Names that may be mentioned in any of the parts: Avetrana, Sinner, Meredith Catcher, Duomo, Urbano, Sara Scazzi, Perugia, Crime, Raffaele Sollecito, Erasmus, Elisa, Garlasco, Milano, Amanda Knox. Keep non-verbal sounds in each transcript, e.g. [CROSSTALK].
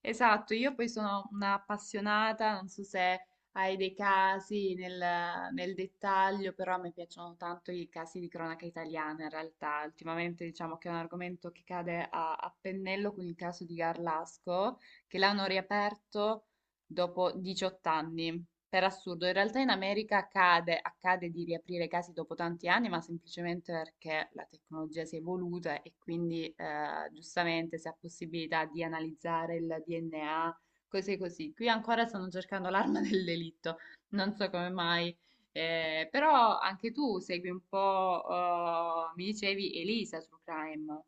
Esatto, io poi sono un'appassionata, non so se hai dei casi nel dettaglio, però a me piacciono tanto i casi di cronaca italiana in realtà. Ultimamente diciamo che è un argomento che cade a pennello con il caso di Garlasco, che l'hanno riaperto dopo 18 anni. Per assurdo, in realtà in America accade di riaprire casi dopo tanti anni, ma semplicemente perché la tecnologia si è evoluta e quindi giustamente si ha possibilità di analizzare il DNA, cose così. Qui ancora stanno cercando l'arma [LAUGHS] del delitto, non so come mai. Però anche tu segui un po', mi dicevi, Elisa su Crime.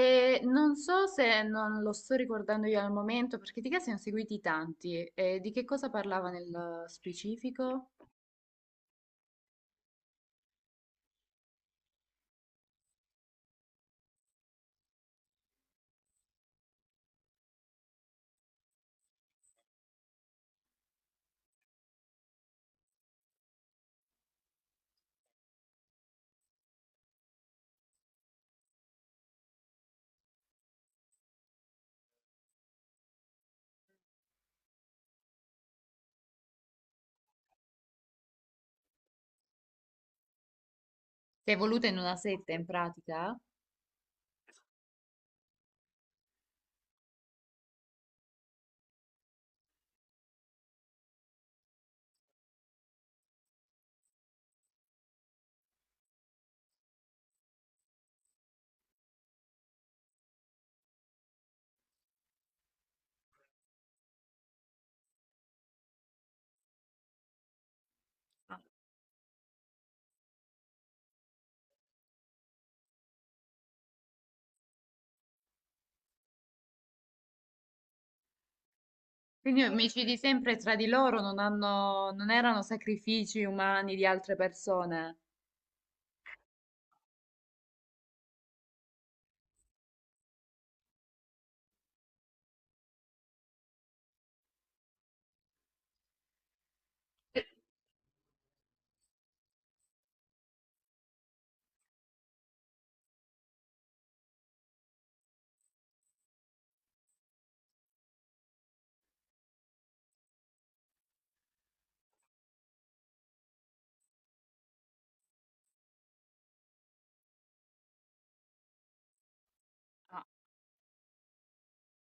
E non so se non lo sto ricordando io al momento, perché di che ne ho seguiti tanti. E di che cosa parlava nel specifico? Si è evoluta in una setta in pratica? Ah. Quindi omicidi sempre tra di loro, non erano sacrifici umani di altre persone.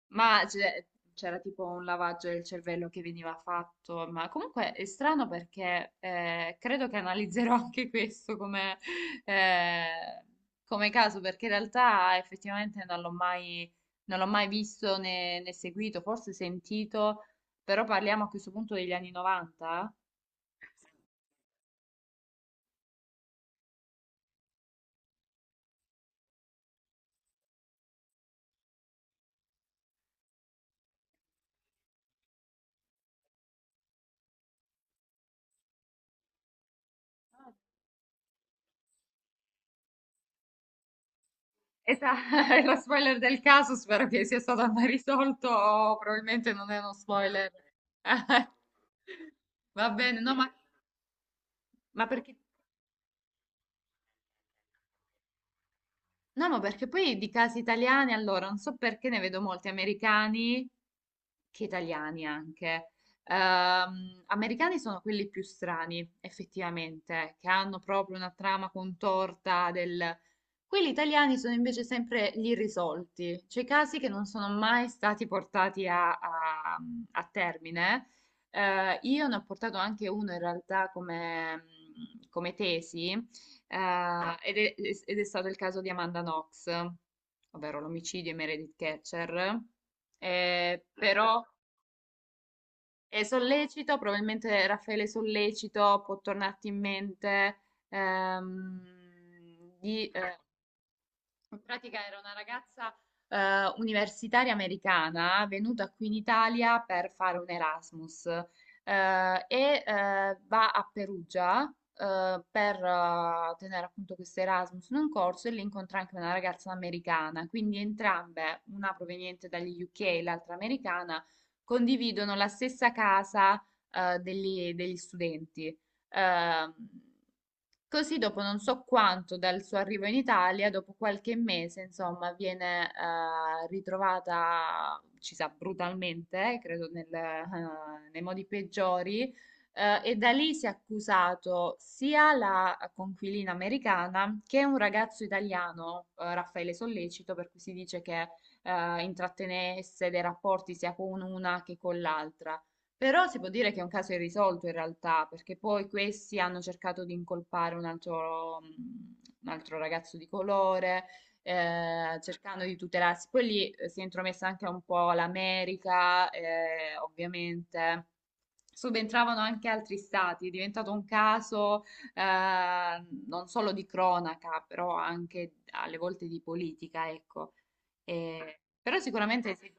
Ma c'è- C'era tipo un lavaggio del cervello che veniva fatto, ma comunque è strano perché credo che analizzerò [LAUGHS] anche questo eh, come caso, perché in realtà effettivamente non l'ho mai visto né seguito, forse sentito, però parliamo a questo punto degli anni 90. Esatto, [LAUGHS] è lo spoiler del caso, spero che sia stato mai risolto o probabilmente non è uno spoiler. [LAUGHS] Va bene, no, ma... Ma perché? No, ma perché poi di casi italiani, allora, non so perché ne vedo molti americani, che italiani anche. Americani sono quelli più strani, effettivamente, che hanno proprio una trama contorta del... Quelli italiani sono invece sempre gli irrisolti, cioè i casi che non sono mai stati portati a termine. Io ne ho portato anche uno in realtà come tesi. Eh, ed è, Ed è stato il caso di Amanda Knox, ovvero l'omicidio di Meredith Catcher. Però è sollecito, probabilmente Raffaele Sollecito può tornarti in mente di in pratica era una ragazza universitaria americana venuta qui in Italia per fare un Erasmus va a Perugia per tenere appunto questo Erasmus in un corso e lì incontra anche una ragazza americana, quindi entrambe, una proveniente dagli UK e l'altra americana, condividono la stessa casa degli studenti. Ehm, Così dopo non so quanto dal suo arrivo in Italia, dopo qualche mese, insomma, viene ritrovata, ci sa, brutalmente, credo nei modi peggiori, e da lì si è accusato sia la conquilina americana che un ragazzo italiano, Raffaele Sollecito, per cui si dice che intrattenesse dei rapporti sia con una che con l'altra. Però si può dire che è un caso irrisolto in realtà, perché poi questi hanno cercato di incolpare un altro ragazzo di colore, cercando di tutelarsi. Poi lì si è intromessa anche un po' l'America, ovviamente. Subentravano anche altri stati, è diventato un caso non solo di cronaca, però anche alle volte di politica, ecco. Però sicuramente sì,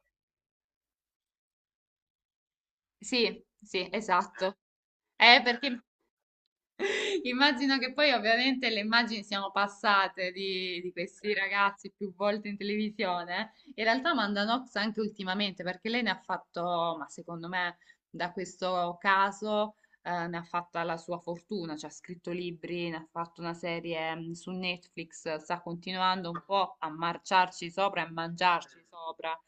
sì, sì, esatto. Perché immagino che poi ovviamente le immagini siano passate di questi ragazzi più volte in televisione. In realtà Amanda Knox anche ultimamente, perché lei ne ha fatto, ma secondo me da questo caso ne ha fatta la sua fortuna, cioè ha scritto libri, ne ha fatto una serie mm, su Netflix, sta continuando un po' a marciarci sopra e a mangiarci sopra.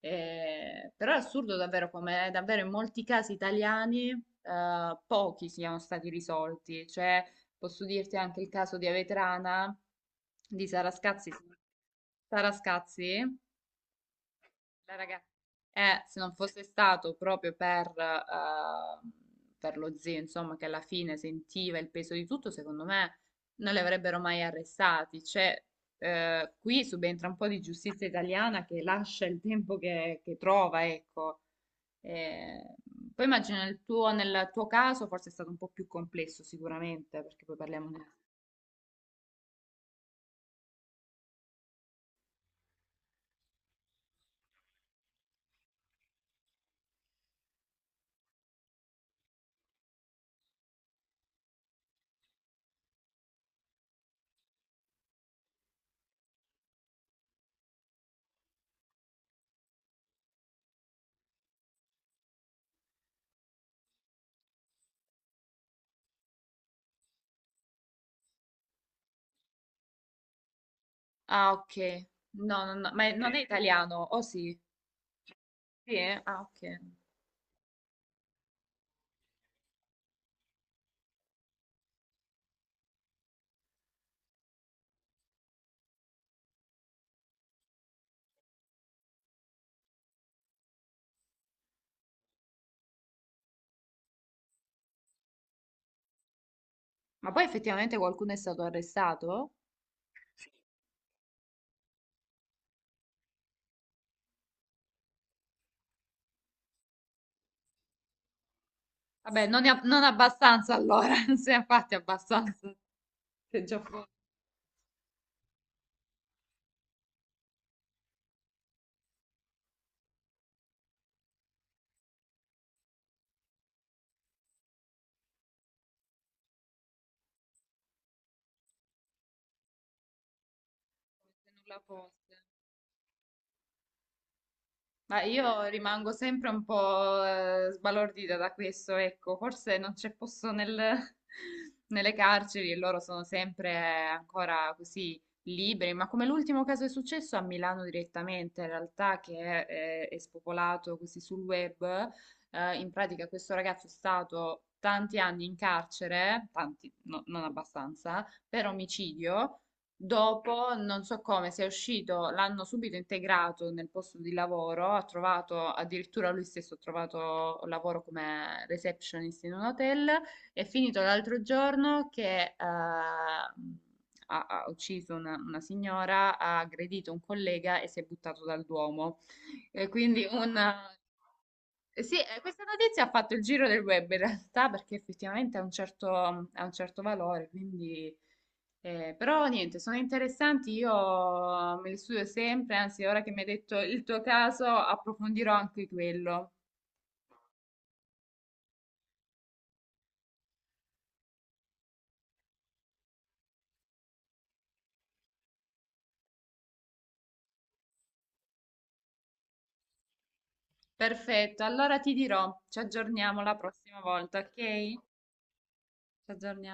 Però è assurdo davvero come davvero in molti casi italiani pochi siano stati risolti. Cioè, posso dirti anche il caso di Avetrana, di Sara Scazzi. Sara Scazzi, la raga- eh, se non fosse stato proprio per lo zio, insomma, che alla fine sentiva il peso di tutto, secondo me non li avrebbero mai arrestati. Cioè, qui subentra un po' di giustizia italiana che lascia il tempo che trova, ecco. Eh, Poi immagino nel nel tuo caso forse è stato un po' più complesso, sicuramente, perché poi parliamo di... Ah, ok. No, no, no, ma non è italiano, o sì? Sì, eh? Ah, ok. Ma poi effettivamente qualcuno è stato arrestato? Vabbè, non, non abbastanza allora, [LAUGHS] non se ne ha fatti abbastanza, se già fosse, se nulla fosse. Ma io rimango sempre un po' sbalordita da questo, ecco, forse non c'è posto [LAUGHS] nelle carceri e loro sono sempre ancora così liberi, ma come l'ultimo caso è successo a Milano direttamente, in realtà che è spopolato così sul web, in pratica questo ragazzo è stato tanti anni in carcere, tanti, non abbastanza, per omicidio. Dopo, non so come, se è uscito, l'hanno subito integrato nel posto di lavoro, ha trovato, addirittura lui stesso ha trovato lavoro come receptionist in un hotel, è finito l'altro giorno che ha ucciso una signora, ha aggredito un collega e si è buttato dal Duomo. E quindi un... Sì, questa notizia ha fatto il giro del web in realtà perché effettivamente ha un certo valore, quindi... però niente, sono interessanti, io me li studio sempre, anzi ora che mi hai detto il tuo caso approfondirò anche quello. Perfetto, allora ti dirò, ci aggiorniamo la prossima volta, ok? Ci aggiorniamo.